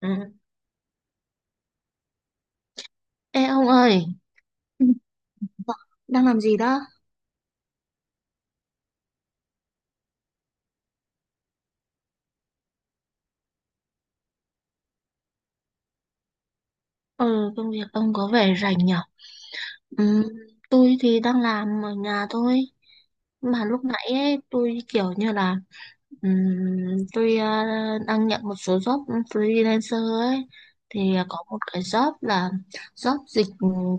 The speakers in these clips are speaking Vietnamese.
Ừ. Ê ông ơi, ừ, đang làm gì đó? Ừ, công việc ông có vẻ rảnh nhở? Ừ, tôi thì đang làm ở nhà thôi. Mà lúc nãy ấy, tôi kiểu như là, tôi đang nhận một số job freelancer ấy. Thì có một cái job là job dịch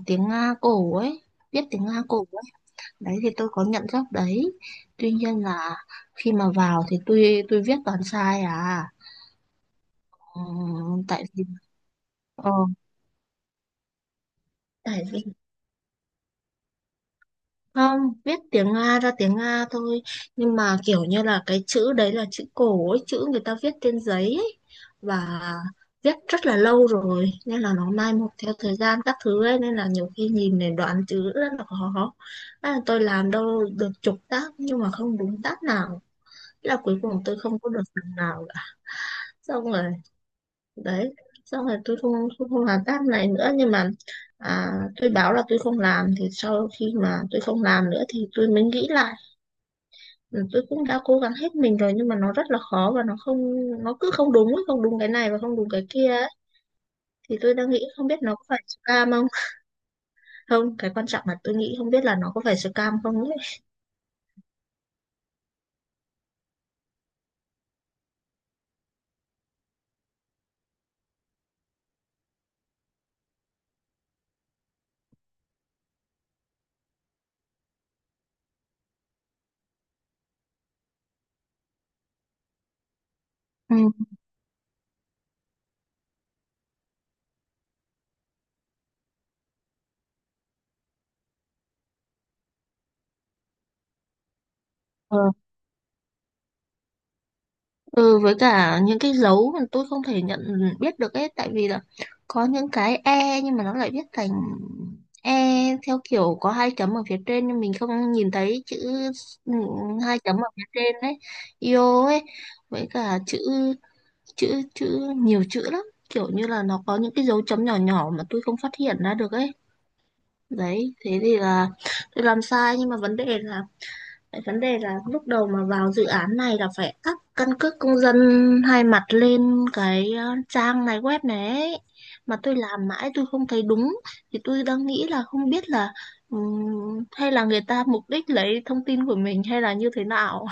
tiếng Nga cổ ấy, viết tiếng Nga cổ ấy. Đấy thì tôi có nhận job đấy. Tuy nhiên là khi mà vào thì tôi viết toàn sai à. Ừ, tại vì ờ, tại vì không viết tiếng Nga ra tiếng Nga thôi nhưng mà kiểu như là cái chữ đấy là chữ cổ ấy, chữ người ta viết trên giấy ấy. Và viết rất là lâu rồi nên là nó mai một theo thời gian các thứ ấy nên là nhiều khi nhìn để đoán chữ rất là khó. Tôi làm đâu được chục tác nhưng mà không đúng tác nào. Thế là cuối cùng tôi không có được phần nào cả, xong rồi đấy, xong rồi tôi không làm task này nữa, nhưng mà tôi báo là tôi không làm, thì sau khi mà tôi không làm nữa thì tôi mới nghĩ lại. Ừ, tôi cũng đã cố gắng hết mình rồi nhưng mà nó rất là khó và nó cứ không đúng ấy, không đúng cái này và không đúng cái kia ấy. Thì tôi đang nghĩ không biết nó có phải scam không. Không, cái quan trọng là tôi nghĩ không biết là nó có phải scam không ấy. Ừ. Ờ. Ừ, với cả những cái dấu mà tôi không thể nhận biết được ấy, tại vì là có những cái e nhưng mà nó lại viết thành e theo kiểu có hai chấm ở phía trên nhưng mình không nhìn thấy chữ. Ừ, hai chấm ở phía trên đấy, io ấy. Với cả chữ, chữ chữ nhiều chữ lắm, kiểu như là nó có những cái dấu chấm nhỏ nhỏ mà tôi không phát hiện ra được ấy. Đấy thế thì là tôi làm sai, nhưng mà vấn đề là lúc đầu mà vào dự án này là phải up căn cước công dân hai mặt lên cái trang này, web này ấy. Mà tôi làm mãi tôi không thấy đúng, thì tôi đang nghĩ là không biết là, hay là người ta mục đích lấy thông tin của mình hay là như thế nào.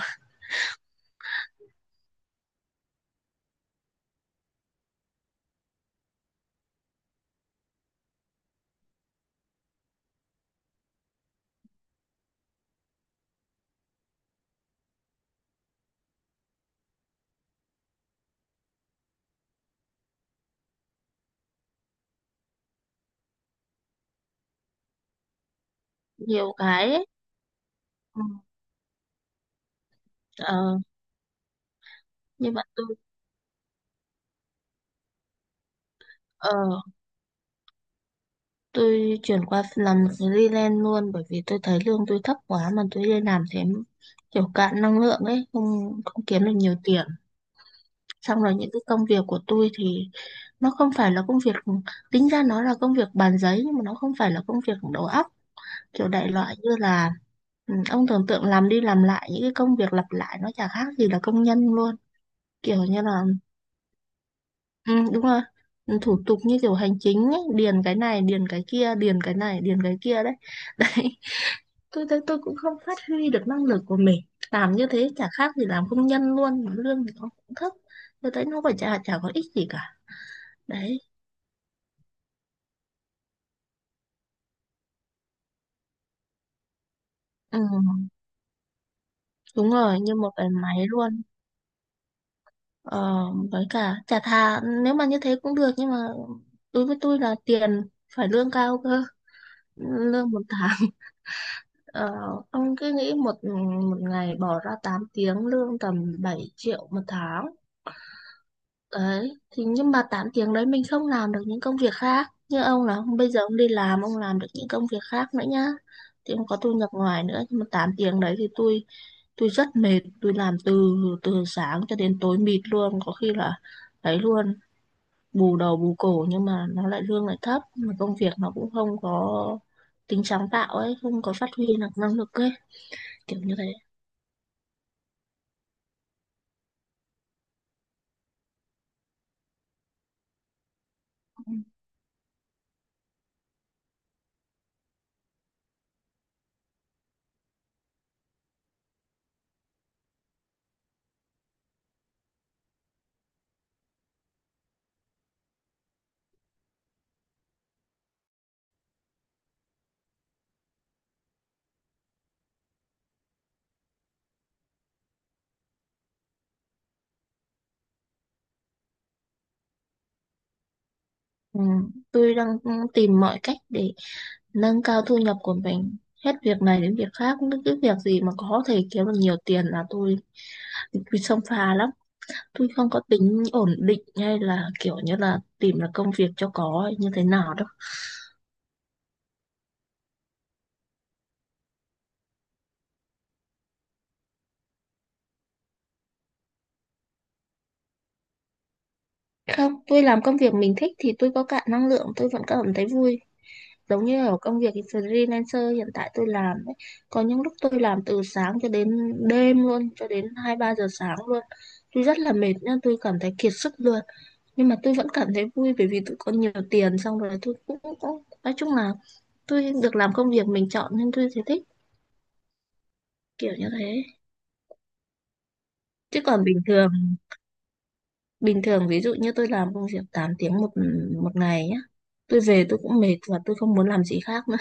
Nhiều cái ấy. Ừ, ờ, nhưng mà ờ, tôi chuyển qua làm freelance luôn, bởi vì tôi thấy lương tôi thấp quá mà tôi đi làm thế kiểu cạn năng lượng ấy, không, không kiếm được nhiều tiền. Xong rồi những cái công việc của tôi thì nó không phải là công việc, tính ra nó là công việc bàn giấy nhưng mà nó không phải là công việc đầu óc. Kiểu đại loại như là, ừ, ông tưởng tượng làm đi làm lại những cái công việc lặp lại, nó chả khác gì là công nhân luôn, kiểu như là, ừ, đúng rồi. Ừ, thủ tục như kiểu hành chính ấy, điền cái này điền cái kia, điền cái này điền cái kia đấy đấy. Tôi thấy tôi cũng không phát huy được năng lực của mình, làm như thế chả khác gì làm công nhân luôn, mà lương thì nó cũng thấp. Tôi thấy nó phải, chả chả có ích gì cả, đấy. Ừ, đúng rồi, như một cái máy luôn. ờ, với cả chả thà nếu mà như thế cũng được, nhưng mà đối với tôi là tiền, phải lương cao cơ. Lương một tháng ờ, ông cứ nghĩ, một một ngày bỏ ra 8 tiếng, lương tầm 7 triệu một tháng. Đấy, thì nhưng mà 8 tiếng đấy mình không làm được những công việc khác. Như ông là ông bây giờ ông đi làm, ông làm được những công việc khác nữa nhá. Thì ông có thu nhập ngoài nữa. Nhưng mà 8 tiếng đấy thì tôi rất mệt. Tôi làm từ từ sáng cho đến tối mịt luôn. Có khi là đấy luôn, bù đầu bù cổ, nhưng mà nó lại lương lại thấp. Mà công việc nó cũng không có tính sáng tạo ấy, không có phát huy được năng lực ấy. Kiểu như thế. Ừ. Ừ, tôi đang tìm mọi cách để nâng cao thu nhập của mình, hết việc này đến việc khác, những cái việc gì mà có thể kiếm được nhiều tiền là tôi xông pha lắm. Tôi không có tính ổn định hay là kiểu như là tìm là công việc cho có hay như thế nào đâu. Không, tôi làm công việc mình thích thì tôi có cạn năng lượng tôi vẫn cảm thấy vui, giống như ở công việc freelancer hiện tại tôi làm ấy, có những lúc tôi làm từ sáng cho đến đêm luôn, cho đến 2, 3 giờ sáng luôn. Tôi rất là mệt nên tôi cảm thấy kiệt sức luôn, nhưng mà tôi vẫn cảm thấy vui bởi vì tôi có nhiều tiền, xong rồi tôi cũng nói chung là tôi được làm công việc mình chọn nên tôi thấy thích, kiểu như thế. Chứ còn bình thường, bình thường ví dụ như tôi làm công việc 8 tiếng một một ngày nhá, tôi về tôi cũng mệt và tôi không muốn làm gì khác nữa.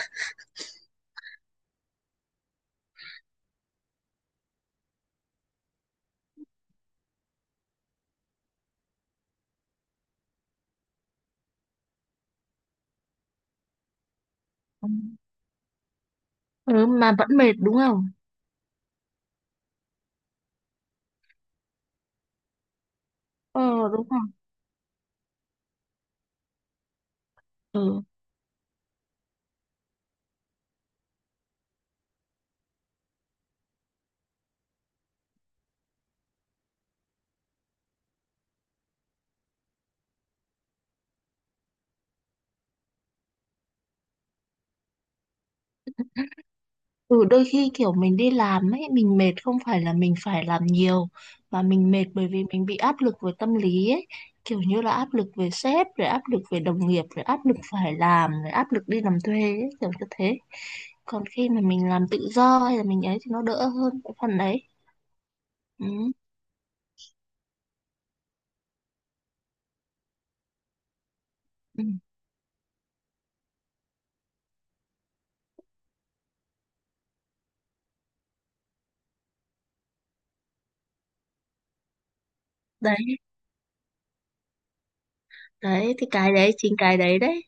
Ừ, mà vẫn mệt đúng không? Ờ, đúng không? Ừ. Ừ, đôi khi kiểu mình đi làm ấy, mình mệt không phải là mình phải làm nhiều, mà mình mệt bởi vì mình bị áp lực về tâm lý ấy, kiểu như là áp lực về sếp, rồi áp lực về đồng nghiệp, rồi áp lực phải làm, rồi áp lực đi làm thuê ấy, kiểu như thế. Còn khi mà mình làm tự do hay là mình ấy thì nó đỡ hơn cái phần đấy. Ừ. Ừ. Đấy, đấy thì cái đấy, chính cái đấy đấy,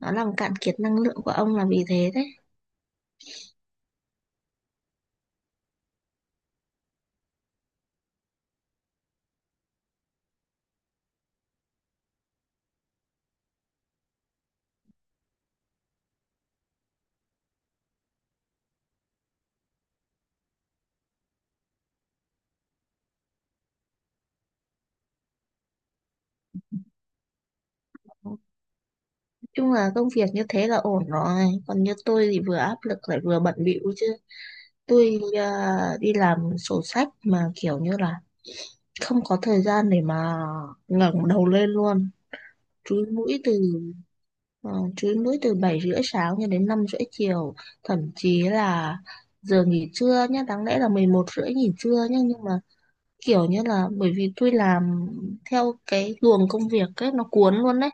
nó làm cạn kiệt năng lượng của ông là vì thế đấy. Nói chung là công việc như thế là ổn rồi, còn như tôi thì vừa áp lực lại vừa bận bịu chứ. Tôi đi làm sổ sách mà kiểu như là không có thời gian để mà ngẩng đầu lên luôn, chúi mũi từ chúi mũi từ 7h30 sáng cho đến 5h30 chiều, thậm chí là giờ nghỉ trưa nhá, đáng lẽ là 11h30 nghỉ trưa nhá, nhưng mà kiểu như là bởi vì tôi làm theo cái luồng công việc ấy nó cuốn luôn đấy,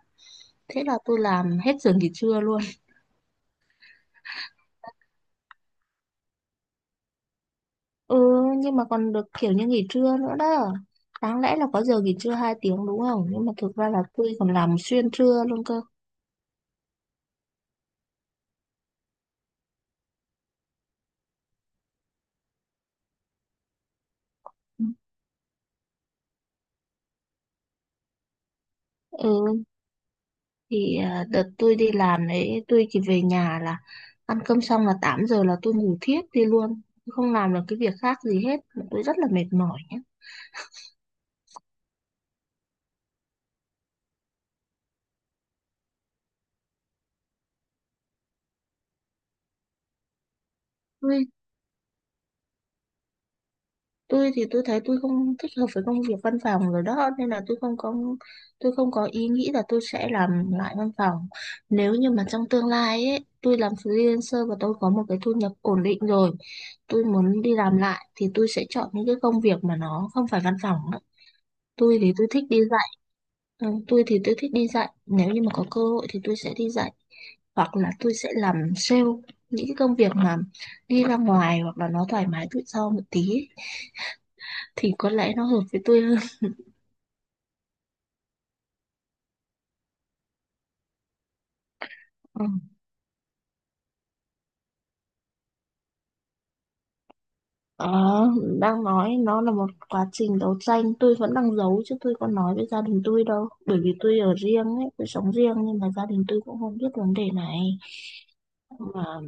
thế là tôi làm hết giờ nghỉ trưa luôn. Ừ, nhưng mà còn được kiểu như nghỉ trưa nữa đó. Đáng lẽ là có giờ nghỉ trưa 2 tiếng đúng không? Nhưng mà thực ra là tôi còn làm xuyên trưa luôn cơ. Ừ, thì đợt tôi đi làm đấy, tôi chỉ về nhà là ăn cơm xong là 8h là tôi ngủ thiếp đi luôn. Tôi không làm được cái việc khác gì hết. Tôi rất là mệt mỏi nhé. Tôi thì tôi thấy tôi không thích hợp với công việc văn phòng rồi đó, nên là tôi không có ý nghĩ là tôi sẽ làm lại văn phòng. Nếu như mà trong tương lai ấy tôi làm freelancer và tôi có một cái thu nhập ổn định rồi, tôi muốn đi làm lại thì tôi sẽ chọn những cái công việc mà nó không phải văn phòng đó. Tôi thì tôi thích đi dạy. Ừ, tôi thì tôi thích đi dạy, nếu như mà có cơ hội thì tôi sẽ đi dạy, hoặc là tôi sẽ làm sale, những cái công việc mà đi ra ngoài hoặc là nó thoải mái tự do một tí ấy, thì có lẽ nó hợp với tôi hơn. Ừ. Đó, đang nói nó là một quá trình đấu tranh, tôi vẫn đang giấu chứ tôi có nói với gia đình tôi đâu, bởi vì tôi ở riêng ấy, tôi sống riêng nhưng mà gia đình tôi cũng không biết vấn đề này, mà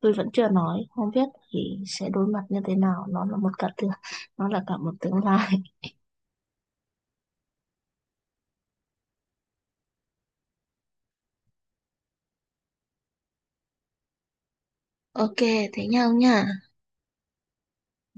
tôi vẫn chưa nói, không biết thì sẽ đối mặt như thế nào, nó là cả một tương lai. Ok thế nhau nha.